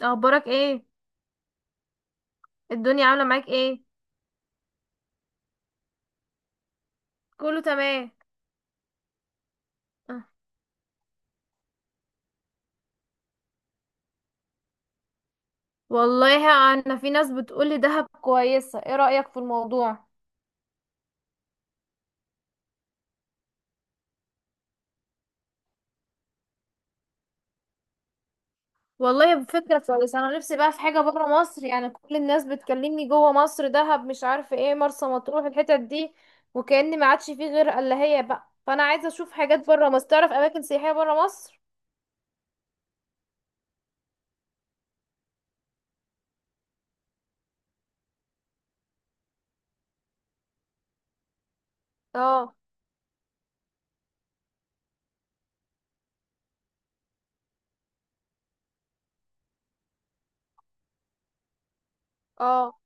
اخبارك ايه؟ الدنيا عامله معاك ايه؟ كله تمام. آه. والله، انا في ناس بتقولي دهب كويسه، ايه رايك في الموضوع؟ والله فكره كويسه، انا نفسي بقى في حاجه بره مصر، يعني كل الناس بتكلمني جوه مصر: دهب، مش عارفه ايه، مرسى مطروح، الحتت دي، وكأن ما عادش فيه غير الا هي بقى. فانا عايزه اشوف حاجات بره مصر، تعرف اماكن سياحيه بره مصر. اه. اه.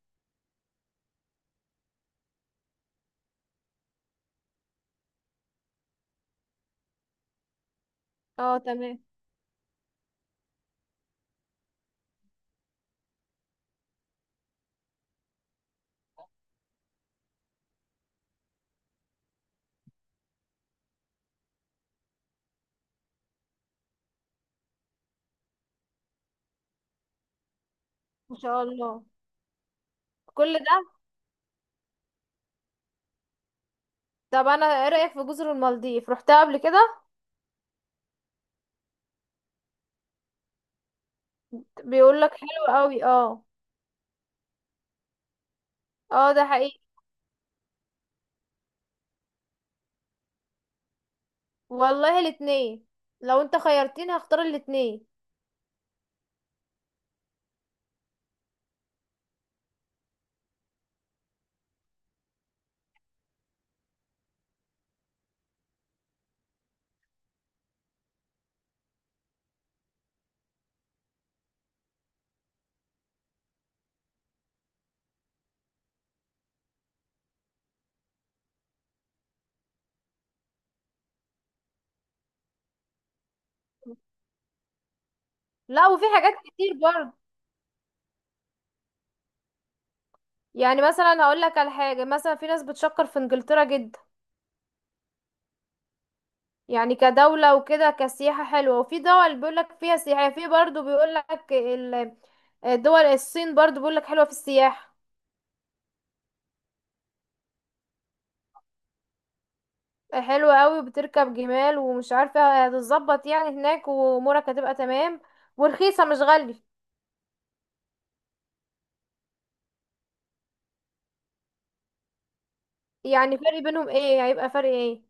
اه، تمام. ان شاء الله كل ده. طب انا، ايه رايك في جزر المالديف؟ رحتها قبل كده؟ بيقول لك حلو قوي. اه. اه، ده حقيقي. والله الاتنين. لو انت خيرتني هختار الاتنين. لا، وفي حاجات كتير برضه. يعني مثلا هقول لك على حاجه، مثلا في ناس بتشكر في انجلترا جدا، يعني كدوله وكده كسياحه حلوه. وفي دول بيقول لك فيها سياحه، في برضه بيقول لك الدول الصين برضه بيقول لك حلوه في السياحه. حلوه قوي، وبتركب جمال، ومش عارفه هتتظبط يعني هناك، وامورك هتبقى تمام، ورخيصه مش غاليه. يعني فرق بينهم ايه؟ هيبقى فرق ايه؟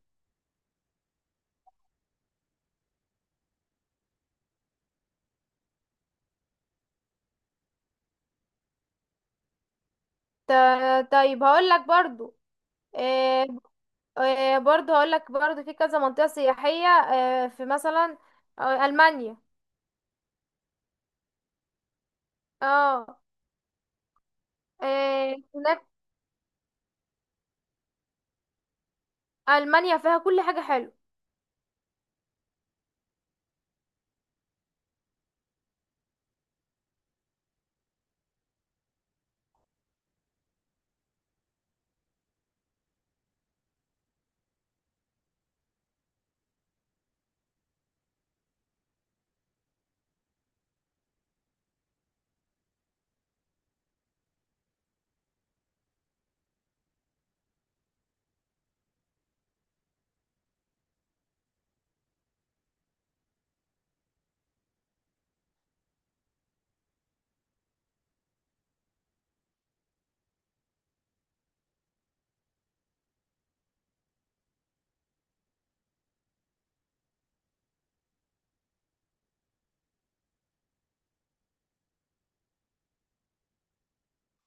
طيب هقول لك برضو. آه، برضه هقول لك برضه في كذا منطقة سياحية، في مثلا ألمانيا. اه. هناك ألمانيا فيها كل حاجة حلوة.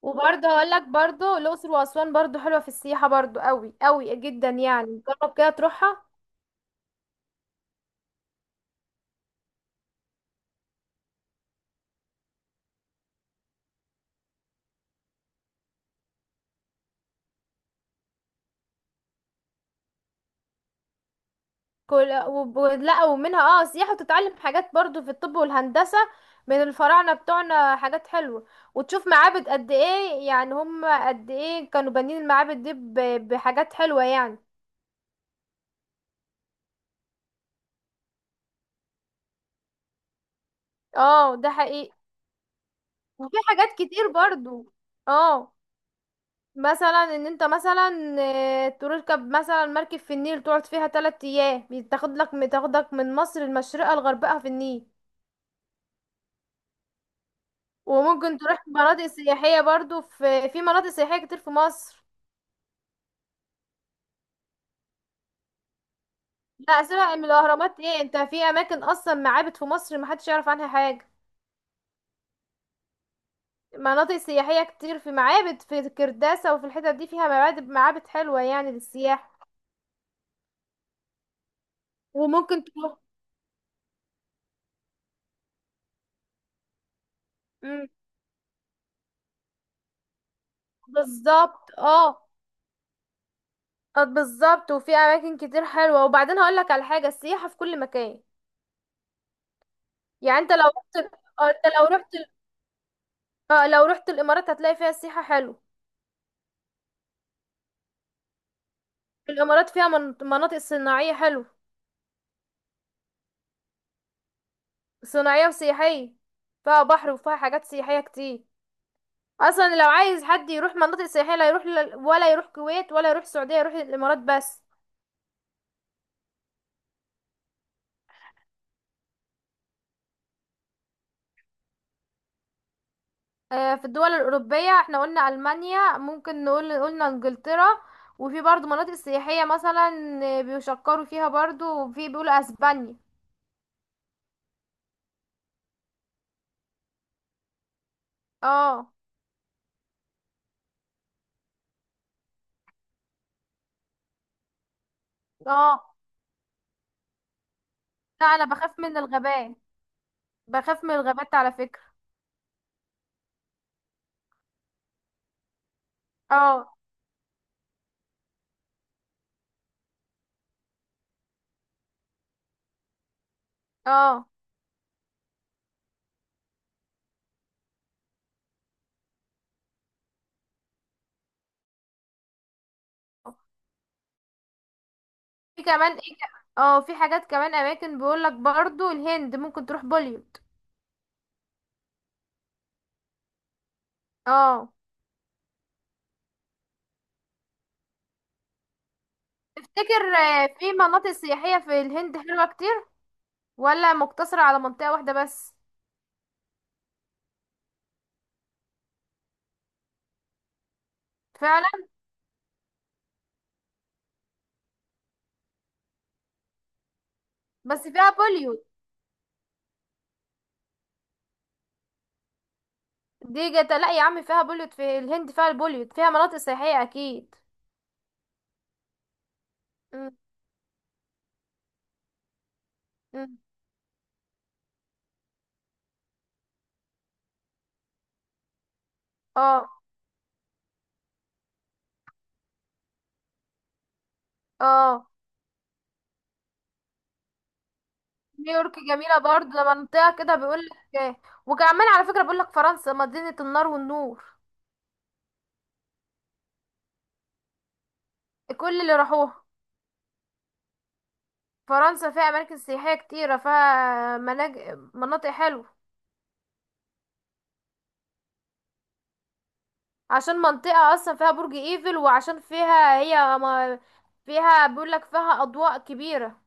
وبرضه هقول لك برضه الأقصر وأسوان برضه حلوة في السياحة برضه، قوي قوي جدا، يعني جرب كده تروحها. كل لا، ومنها سياحة، وتتعلم حاجات برضه في الطب والهندسة من الفراعنة بتوعنا حاجات حلوة. وتشوف معابد قد ايه، يعني هم قد ايه كانوا بانيين المعابد دي بحاجات حلوة يعني. اه، ده حقيقي. وفي حاجات كتير برضو. اه. مثلا ان انت مثلا تركب مثلا مركب في النيل، تقعد فيها تلات ايام، بتاخدك من مصر المشرقة لغربها في النيل. وممكن تروح مناطق سياحية برضو، في مناطق سياحية كتير في مصر. لا سيبك من الاهرامات، ايه انت، في اماكن اصلا معابد في مصر محدش يعرف عنها حاجة. مناطق سياحية كتير، في معابد في الكرداسة، وفي الحتت دي فيها معابد معابد حلوة يعني للسياحة. وممكن تروح. بالظبط، اه. بالظبط، وفي اماكن كتير حلوه. وبعدين هقول لك على حاجه: السياحه في كل مكان. يعني انت لو رحت آه، انت لو رحت آه، لو رحت الامارات هتلاقي فيها سياحه حلو. الامارات فيها مناطق صناعيه حلو. صناعيه وسياحيه، فيها بحر وفيها حاجات سياحيه كتير. اصلا لو عايز حد يروح مناطق سياحيه، لا يروح ولا يروح كويت، ولا يروح السعوديه، يروح الامارات بس. في الدول الأوروبية احنا قلنا ألمانيا، ممكن نقول قلنا إنجلترا. وفي برضو مناطق سياحية مثلا بيشكروا فيها برضو، وفي بيقولوا أسبانيا. اه. اه. لا، أنا بخاف من الغابات، بخاف من الغابات على فكرة. اه. اه. في كمان ايه في حاجات كمان، أماكن بيقولك برضو الهند، ممكن تروح بوليوود. اه. تفتكر في مناطق سياحية في الهند حلوة كتير، ولا مقتصرة على منطقة واحدة بس؟ فعلا. بس فيها بوليوود. دي جت! لا يا عم، فيها بوليوت، في الهند فيها البوليوت، فيها مناطق سياحية أكيد. مم. مم. اه. اه. نيويورك جميلة برضه، ده منطقة كده بيقول لك إيه. وكمان على فكرة بيقول لك فرنسا مدينة النار والنور. كل اللي راحوها. فرنسا فيها أماكن سياحية كتيرة، فيها مناطق حلوة. عشان منطقة أصلا فيها برج إيفل، وعشان فيها هي ما... فيها بيقول لك فيها أضواء كبيرة.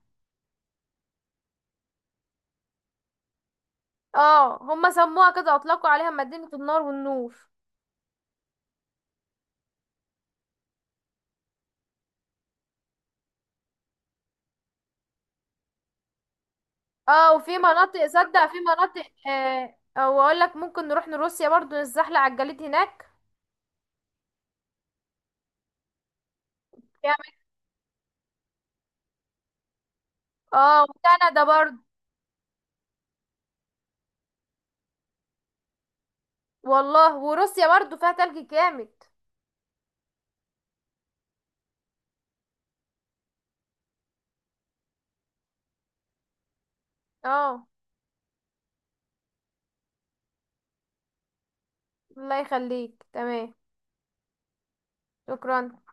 اه، هما سموها كده، أطلقوا عليها مدينة النار والنور. اه، وفي مناطق صدق، في مناطق او اقول لك ممكن نروح لروسيا برضو، نتزحلق على الجليد هناك. جامد. اه، وكندا برضو. والله وروسيا برضو فيها تلج جامد. اه. الله يخليك، تمام. شكرا.